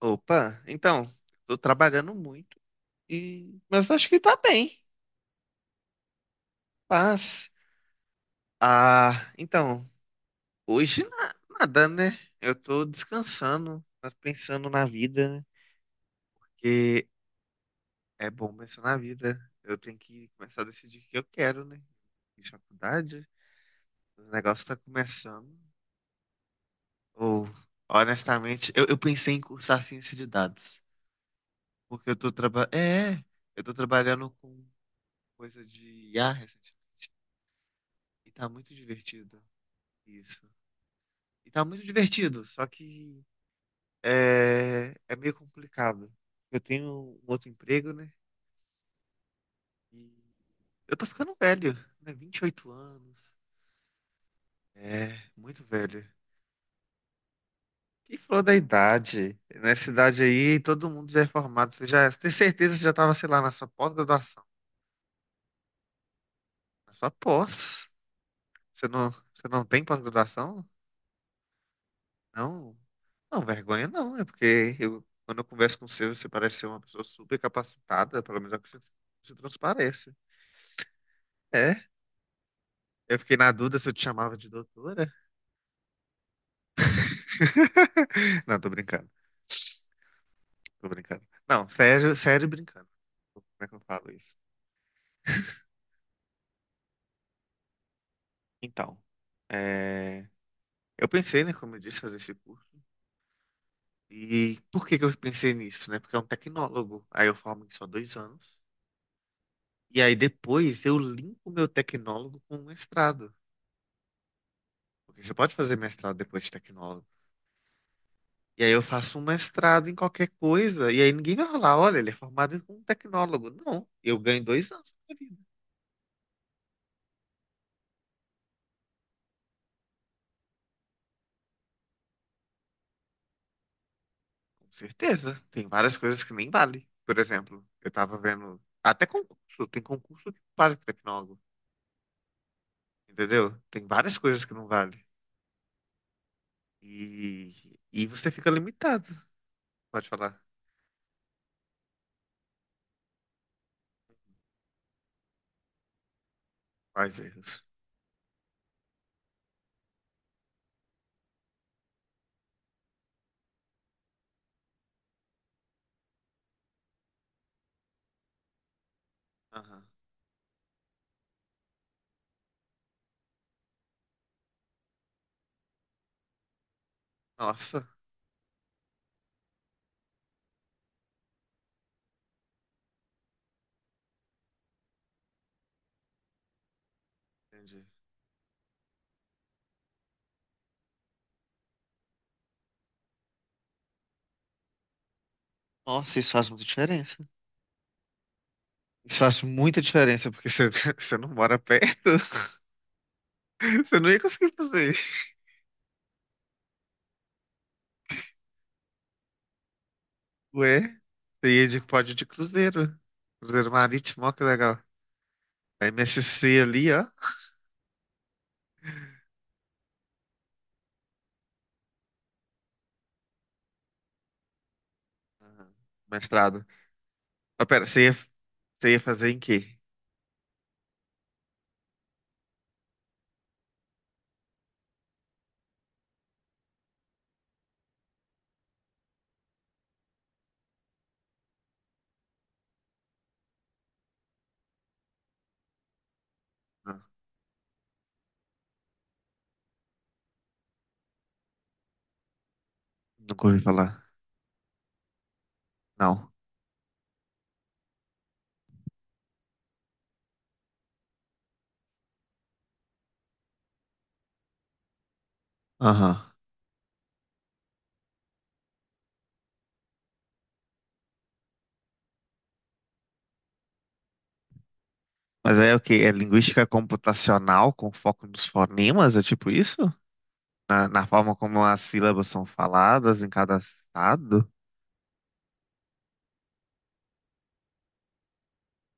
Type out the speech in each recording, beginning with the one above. Opa, então, tô trabalhando muito mas acho que tá bem. Paz. Ah, então, hoje nada, né? Eu tô descansando, mas pensando na vida, né? Porque é bom pensar na vida. Eu tenho que começar a decidir o que eu quero, né? Fiz faculdade, o negócio tá começando. Ou, honestamente, eu pensei em cursar ciência de dados, porque eu tô trabalhando com coisa de IA recentemente, e tá muito divertido. Isso. E tá muito divertido, só que meio complicado. Eu tenho um outro emprego, né? E eu tô ficando velho, né? 28 anos. É, muito velho. Quem falou da idade? Nessa idade aí, todo mundo já é formado. Você já tem certeza que você já tava, sei lá, na sua pós-graduação. Na sua pós. Você não tem pós-graduação? Não, não, vergonha não, é porque quando eu converso com você, você parece ser uma pessoa super capacitada, pelo menos é o que você transparece. É, eu fiquei na dúvida se eu te chamava de doutora. Não, tô brincando, tô brincando. Não, sério, sério brincando. Como é que eu falo isso? Então, é, eu pensei, né, como eu disse, fazer esse curso. E por que que eu pensei nisso, né? Porque é um tecnólogo, aí eu formo em só 2 anos. E aí depois eu linko meu tecnólogo com o mestrado. Porque você pode fazer mestrado depois de tecnólogo. E aí eu faço um mestrado em qualquer coisa, e aí ninguém vai falar, olha, ele é formado como um tecnólogo. Não, eu ganho 2 anos da minha vida. Com certeza. Tem várias coisas que nem vale. Por exemplo, eu tava vendo. Até concurso, tem concurso que não vale para tecnólogo. Entendeu? Tem várias coisas que não vale. E você fica limitado. Pode falar. Quais erros? Aham. Nossa, entendi. Nossa, isso faz muita diferença. Isso faz muita diferença, porque você, você não mora perto. Você não ia conseguir fazer isso. Ué, pode de cruzeiro. Cruzeiro marítimo, ó, que legal. A MSC ali, ó. Aham. Mestrado. Ah, pera, você ia fazer em quê? Ah, nunca ouvi falar. Não. Aham. Mas aí é o quê? É linguística computacional com foco nos fonemas? É tipo isso? Na forma como as sílabas são faladas em cada estado?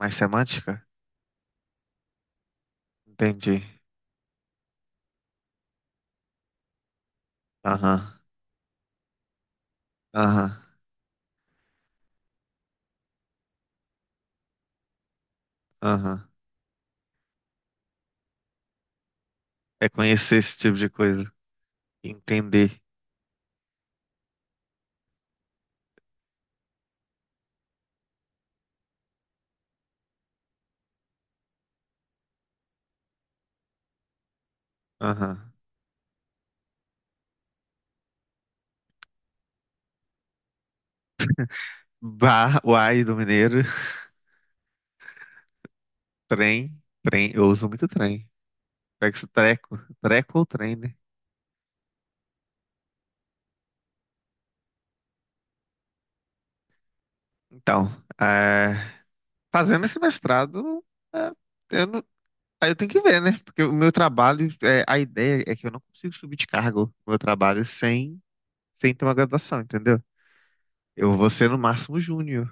Mais semântica? Entendi. Aham. Aham. Aham. É conhecer esse tipo de coisa. Entender. Aham. Bar, uai do Mineiro, trem, trem, eu uso muito trem. Pega esse treco, treco ou trem, né? Então, é, fazendo esse mestrado, é, eu não- aí eu tenho que ver, né? Porque o meu trabalho, a ideia é que eu não consigo subir de cargo no meu trabalho sem ter uma graduação, entendeu? Eu vou ser no máximo júnior.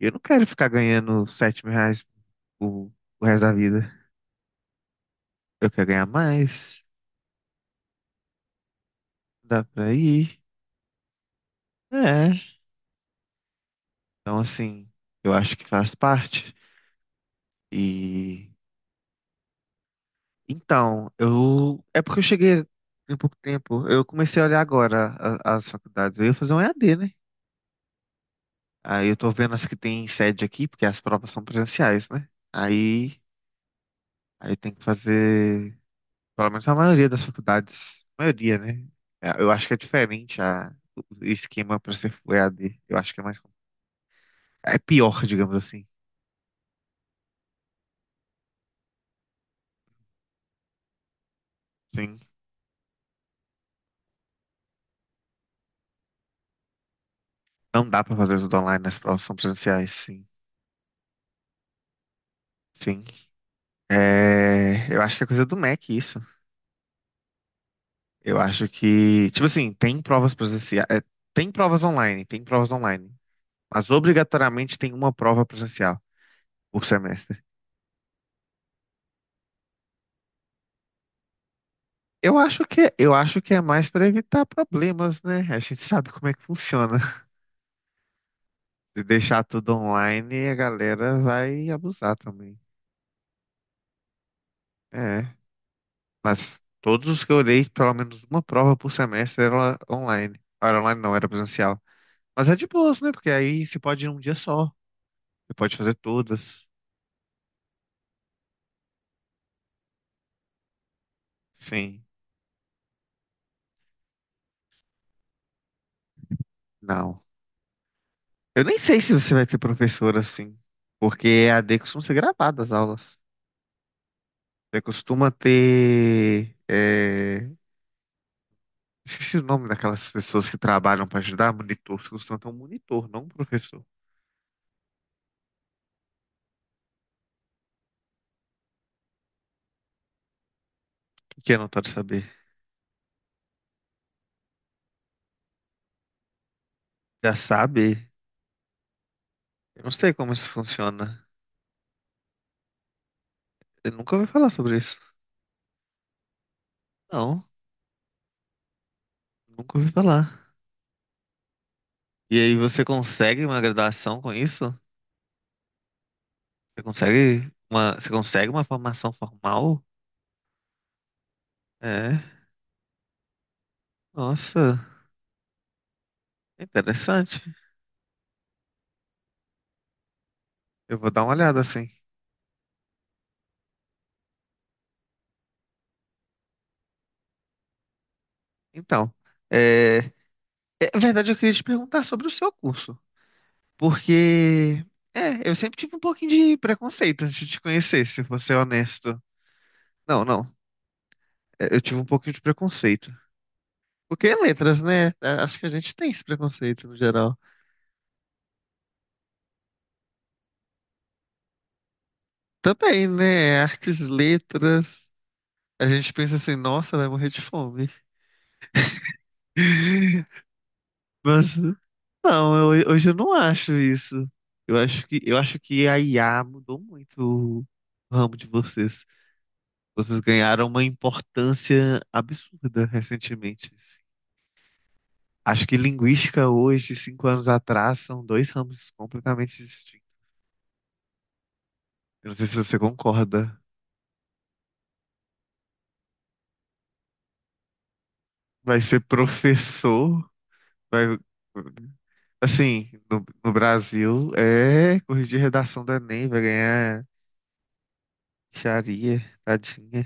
E eu não quero ficar ganhando R$ 7.000 o, o resto da vida. Eu quero ganhar mais, dá pra ir. É. Então, assim, eu acho que faz parte. E então, eu é porque eu cheguei em pouco tempo. Eu comecei a olhar agora as faculdades. Eu ia fazer um EAD, né? Aí eu tô vendo as que tem sede aqui, porque as provas são presenciais, né? Aí tem que fazer, pelo menos a maioria das faculdades, maioria, né? É, eu acho que é diferente o esquema para ser EAD. Eu acho que é pior, digamos assim. Sim, não dá para fazer tudo online, as provas são presenciais, sim. Sim. É, eu acho que é coisa do Mac isso. Eu acho que, tipo assim, tem provas presenciais, tem provas online, mas obrigatoriamente tem uma prova presencial por semestre. Eu acho que é mais para evitar problemas, né? A gente sabe como é que funciona. Se deixar tudo online, a galera vai abusar também. É, mas todos os que eu olhei, pelo menos uma prova por semestre era online. Era online não, era presencial. Mas é de boas, né? Porque aí você pode ir um dia só. Você pode fazer todas. Sim. Não. Eu nem sei se você vai ser professor assim. Porque E a EAD costuma ser gravada as aulas. Você costuma ter. É, Esqueci o nome daquelas pessoas que trabalham para ajudar, monitor. Você costuma ter um monitor, não um professor. O Que que é anotado saber? Já sabe? Eu não sei como isso funciona. Eu nunca ouvi falar sobre isso. Não, nunca ouvi falar. E aí você consegue uma graduação com isso? Você consegue uma formação formal? É. Nossa, interessante. Eu vou dar uma olhada assim. Então, é, na verdade, eu queria te perguntar sobre o seu curso, porque eu sempre tive um pouquinho de preconceito antes de te conhecer, se vou ser honesto. Não, não, eu tive um pouquinho de preconceito. Porque é letras, né? É, acho que a gente tem esse preconceito no geral. Também, né? Artes, letras. A gente pensa assim, nossa, vai morrer de fome. Mas não, hoje eu não acho isso. Eu acho que a IA mudou muito o ramo de vocês. Vocês ganharam uma importância absurda recentemente. Acho que linguística hoje, 5 anos atrás, são dois ramos completamente distintos. Eu não sei se você concorda. Vai ser professor, vai, assim, no Brasil, é corrigir redação do Enem, vai ganhar charia, tadinha.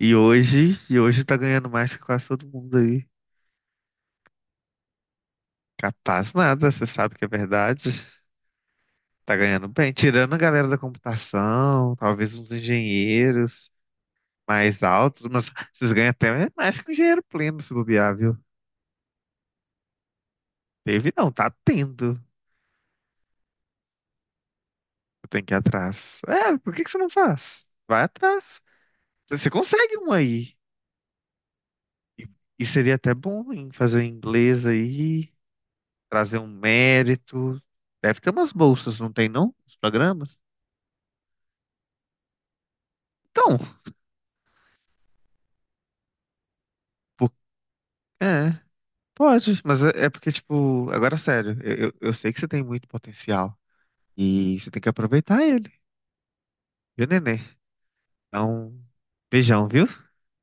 E hoje tá ganhando mais que quase todo mundo aí. Capaz nada, você sabe que é verdade. Tá ganhando bem, tirando a galera da computação, talvez uns engenheiros mais altos, mas vocês ganham até mais que um engenheiro pleno se bobear, viu? Teve não, tá tendo. Eu tenho que ir atrás. É, por que que você não faz? Vai atrás. Você consegue um aí. E, e seria até bom em fazer um inglês aí, trazer um mérito. Deve ter umas bolsas, não tem não? Os programas? Então, Por- É, pode, mas porque, tipo, agora sério, eu sei que você tem muito potencial e você tem que aproveitar ele, viu, nenê? Então, beijão, viu?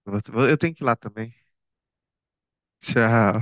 Eu tenho que ir lá também. Tchau.